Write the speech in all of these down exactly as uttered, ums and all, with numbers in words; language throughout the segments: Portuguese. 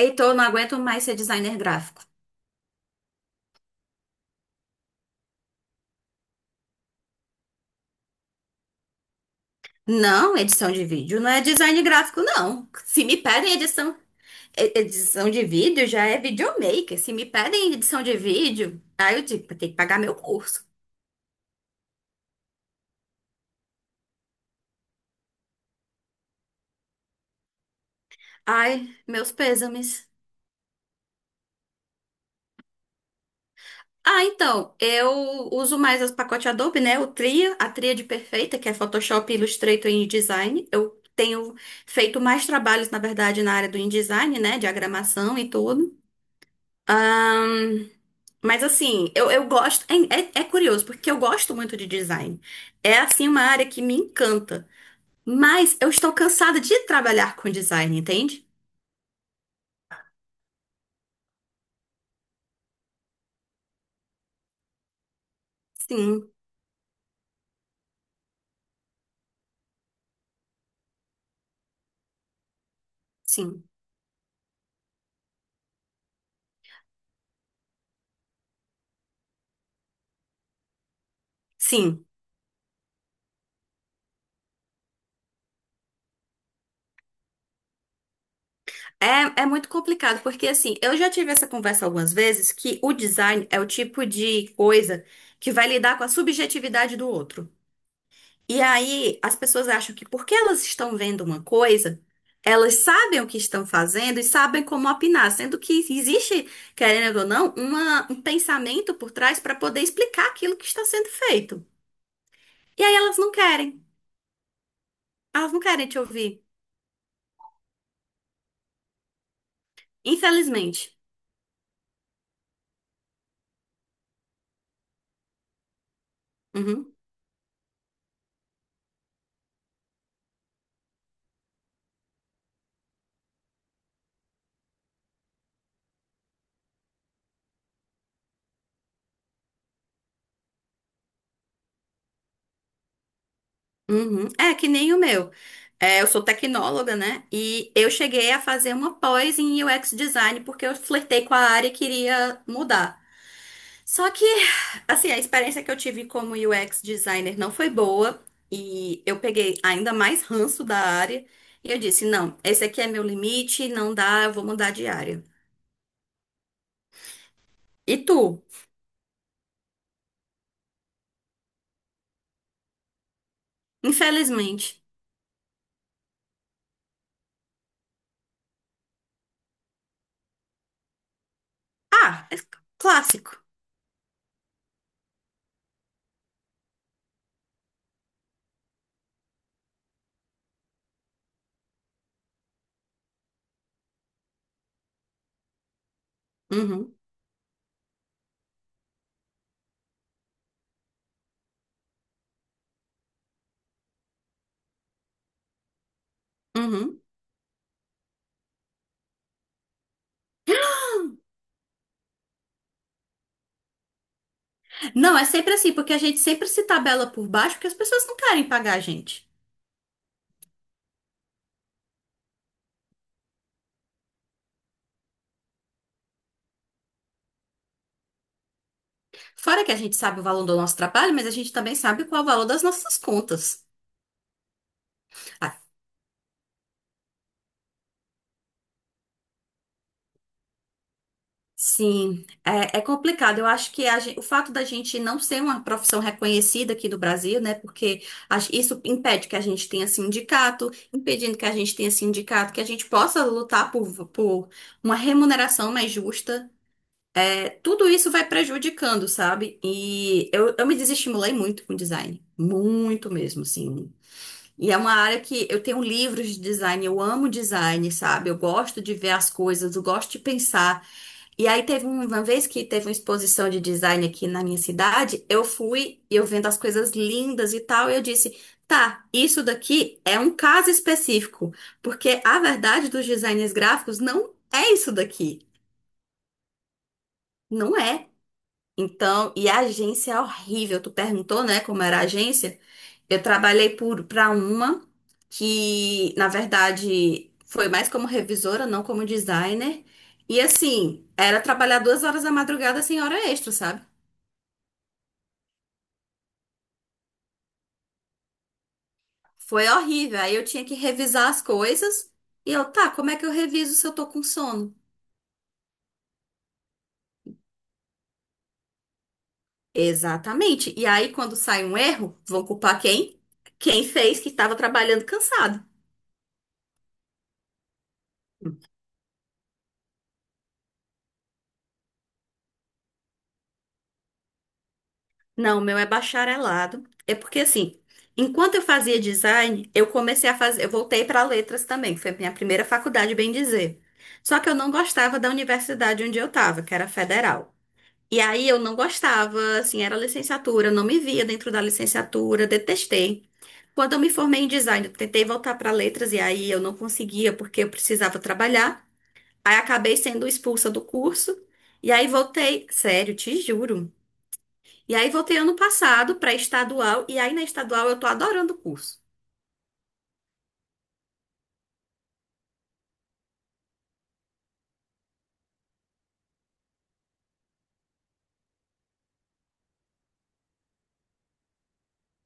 Heitor, eu não aguento mais ser designer gráfico. Não, edição de vídeo não é design gráfico, não. Se me pedem edição, e- edição de vídeo, já é videomaker. Se me pedem edição de vídeo, aí eu digo, tem que pagar meu curso. Ai, meus pêsames. Ah, então, eu uso mais os pacotes Adobe, né? O Tria, a Tríade Perfeita, que é Photoshop, Illustrator e InDesign. Eu tenho feito mais trabalhos, na verdade, na área do InDesign, né? Diagramação e tudo. Ahn, mas assim, eu, eu gosto. É, é, é curioso, porque eu gosto muito de design. É assim uma área que me encanta. Mas eu estou cansada de trabalhar com design, entende? Sim, sim, sim. É, é muito complicado, porque assim, eu já tive essa conversa algumas vezes que o design é o tipo de coisa que vai lidar com a subjetividade do outro. E aí, as pessoas acham que porque elas estão vendo uma coisa, elas sabem o que estão fazendo e sabem como opinar, sendo que existe, querendo ou não, uma- um pensamento por trás para poder explicar aquilo que está sendo feito. E aí elas não querem, elas não querem te ouvir, infelizmente. Uhum, uhum. É que nem o meu. É, eu sou tecnóloga, né? E eu cheguei a fazer uma pós em U X design porque eu flertei com a área e queria mudar. Só que, assim, a experiência que eu tive como U X designer não foi boa e eu peguei ainda mais ranço da área e eu disse, não, esse aqui é meu limite, não dá, eu vou mudar de área. E tu? Infelizmente. Ah, é clássico. Uhum, uhum. Não, é sempre assim, porque a gente sempre se tabela por baixo porque as pessoas não querem pagar a gente. Fora que a gente sabe o valor do nosso trabalho, mas a gente também sabe qual é o valor das nossas contas. A- Sim, é, é complicado. Eu acho que a gen- o fato da gente não ser uma profissão reconhecida aqui do Brasil, né? Porque a- isso impede que a gente tenha sindicato, impedindo que a gente tenha sindicato, que a gente possa lutar por, por uma remuneração mais justa. É, tudo isso vai prejudicando, sabe? E eu, eu me desestimulei muito com design. Muito mesmo, sim. E é uma área que eu tenho livros de design, eu amo design, sabe? Eu gosto de ver as coisas, eu gosto de pensar. E aí teve um- uma vez que teve uma exposição de design aqui na minha cidade, eu fui e eu vendo as coisas lindas e tal, e eu disse, tá, isso daqui é um caso específico, porque a verdade dos designers gráficos não é isso daqui. Não é. Então, e a agência é horrível. Tu perguntou, né, como era a agência? Eu trabalhei por para uma que, na verdade, foi mais como revisora, não como designer. E assim, era trabalhar duas horas da madrugada sem hora extra, sabe? Foi horrível. Aí eu tinha que revisar as coisas. E eu, tá, como é que eu reviso se eu tô com sono? Exatamente. E aí, quando sai um erro, vão culpar quem? Quem fez que estava trabalhando cansado. Não, o meu é bacharelado. É porque assim, enquanto eu fazia design, eu comecei a fazer, eu voltei para letras também, que foi a minha primeira faculdade, bem dizer. Só que eu não gostava da universidade onde eu estava, que era federal. E aí eu não gostava, assim, era licenciatura, eu não me via dentro da licenciatura, detestei. Quando eu me formei em design, eu tentei voltar para letras e aí eu não conseguia porque eu precisava trabalhar. Aí acabei sendo expulsa do curso e aí voltei, sério, te juro. E aí voltei ano passado para estadual, e aí na estadual eu tô adorando o curso.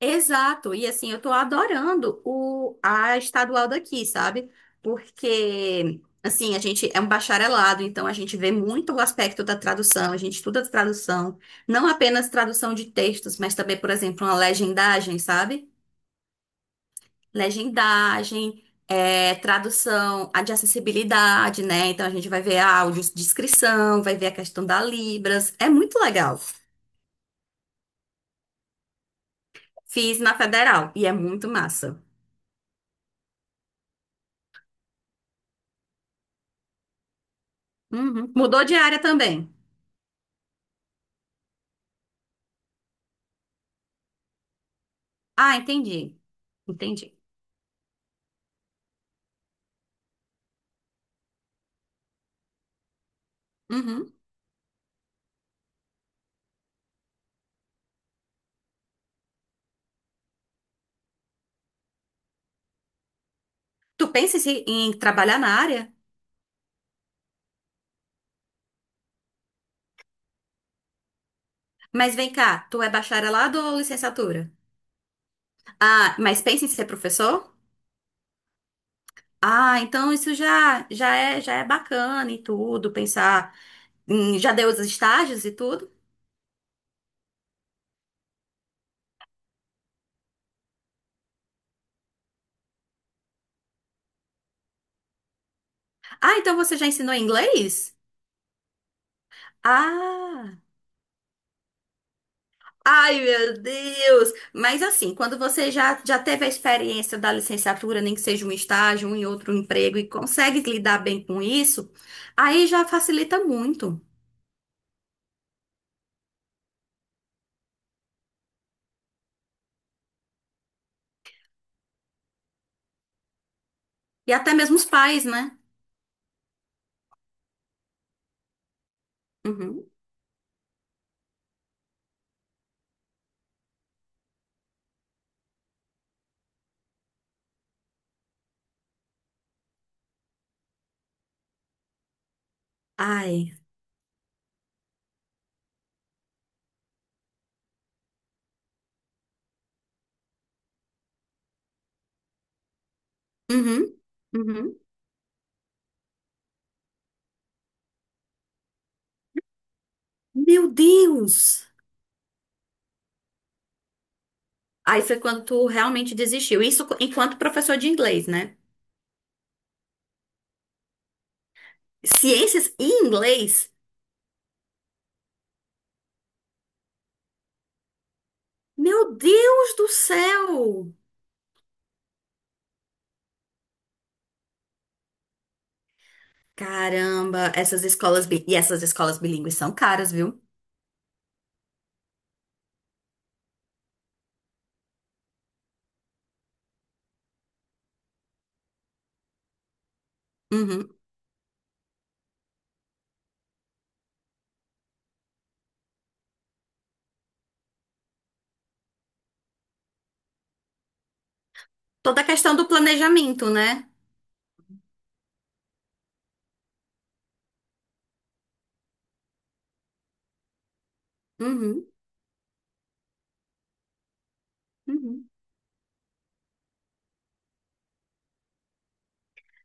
Exato, e assim, eu tô adorando o, a estadual daqui, sabe? Porque, assim, a gente é um bacharelado, então a gente vê muito o aspecto da tradução, a gente estuda tradução, não apenas tradução de textos, mas também, por exemplo, uma legendagem, sabe? Legendagem, é, tradução a de acessibilidade, né? Então a gente vai ver áudios, descrição, vai ver a questão da Libras, é muito legal. Fiz na federal e é muito massa. Uhum. Mudou de área também. Ah, entendi. Entendi. Uhum. Tu pensa em se- em trabalhar na área? Mas vem cá, tu é bacharelado ou licenciatura? Ah, mas pensa em ser professor? Ah, então isso já já é já é bacana e tudo, pensar em, já deu os estágios e tudo. Ah, então você já ensinou inglês? Ah. Ai, meu Deus! Mas assim, quando você já, já teve a experiência da licenciatura, nem que seja um estágio, um em outro emprego, e consegue lidar bem com isso, aí já facilita muito. E até mesmo os pais, né? Uhum. Ai. Uhum. Uhum. Meu Deus! Aí foi quando tu realmente desistiu. Isso enquanto professor de inglês, né? Ciências e inglês? Meu Deus do céu! Caramba, essas escolas bi- e essas escolas bilíngues são caras, viu? Uhum. Toda a questão do planejamento, né? Uhum, uhum.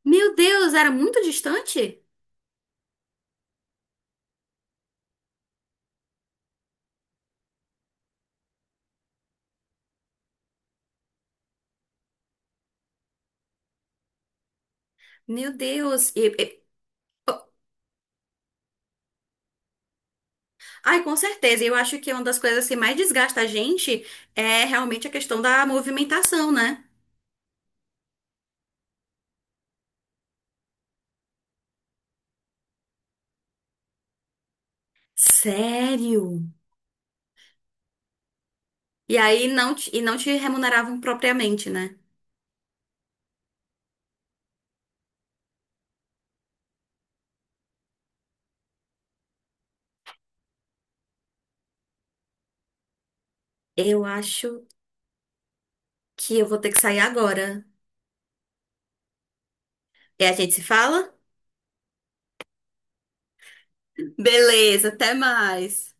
Meu Deus, era muito distante? Meu Deus. E- e- Ai, com certeza. Eu acho que uma das coisas que mais desgasta a gente é realmente a questão da movimentação, né? Sério? E aí não te, e não te remuneravam propriamente, né? Eu acho que eu vou ter que sair agora. E a gente se fala? Beleza, até mais.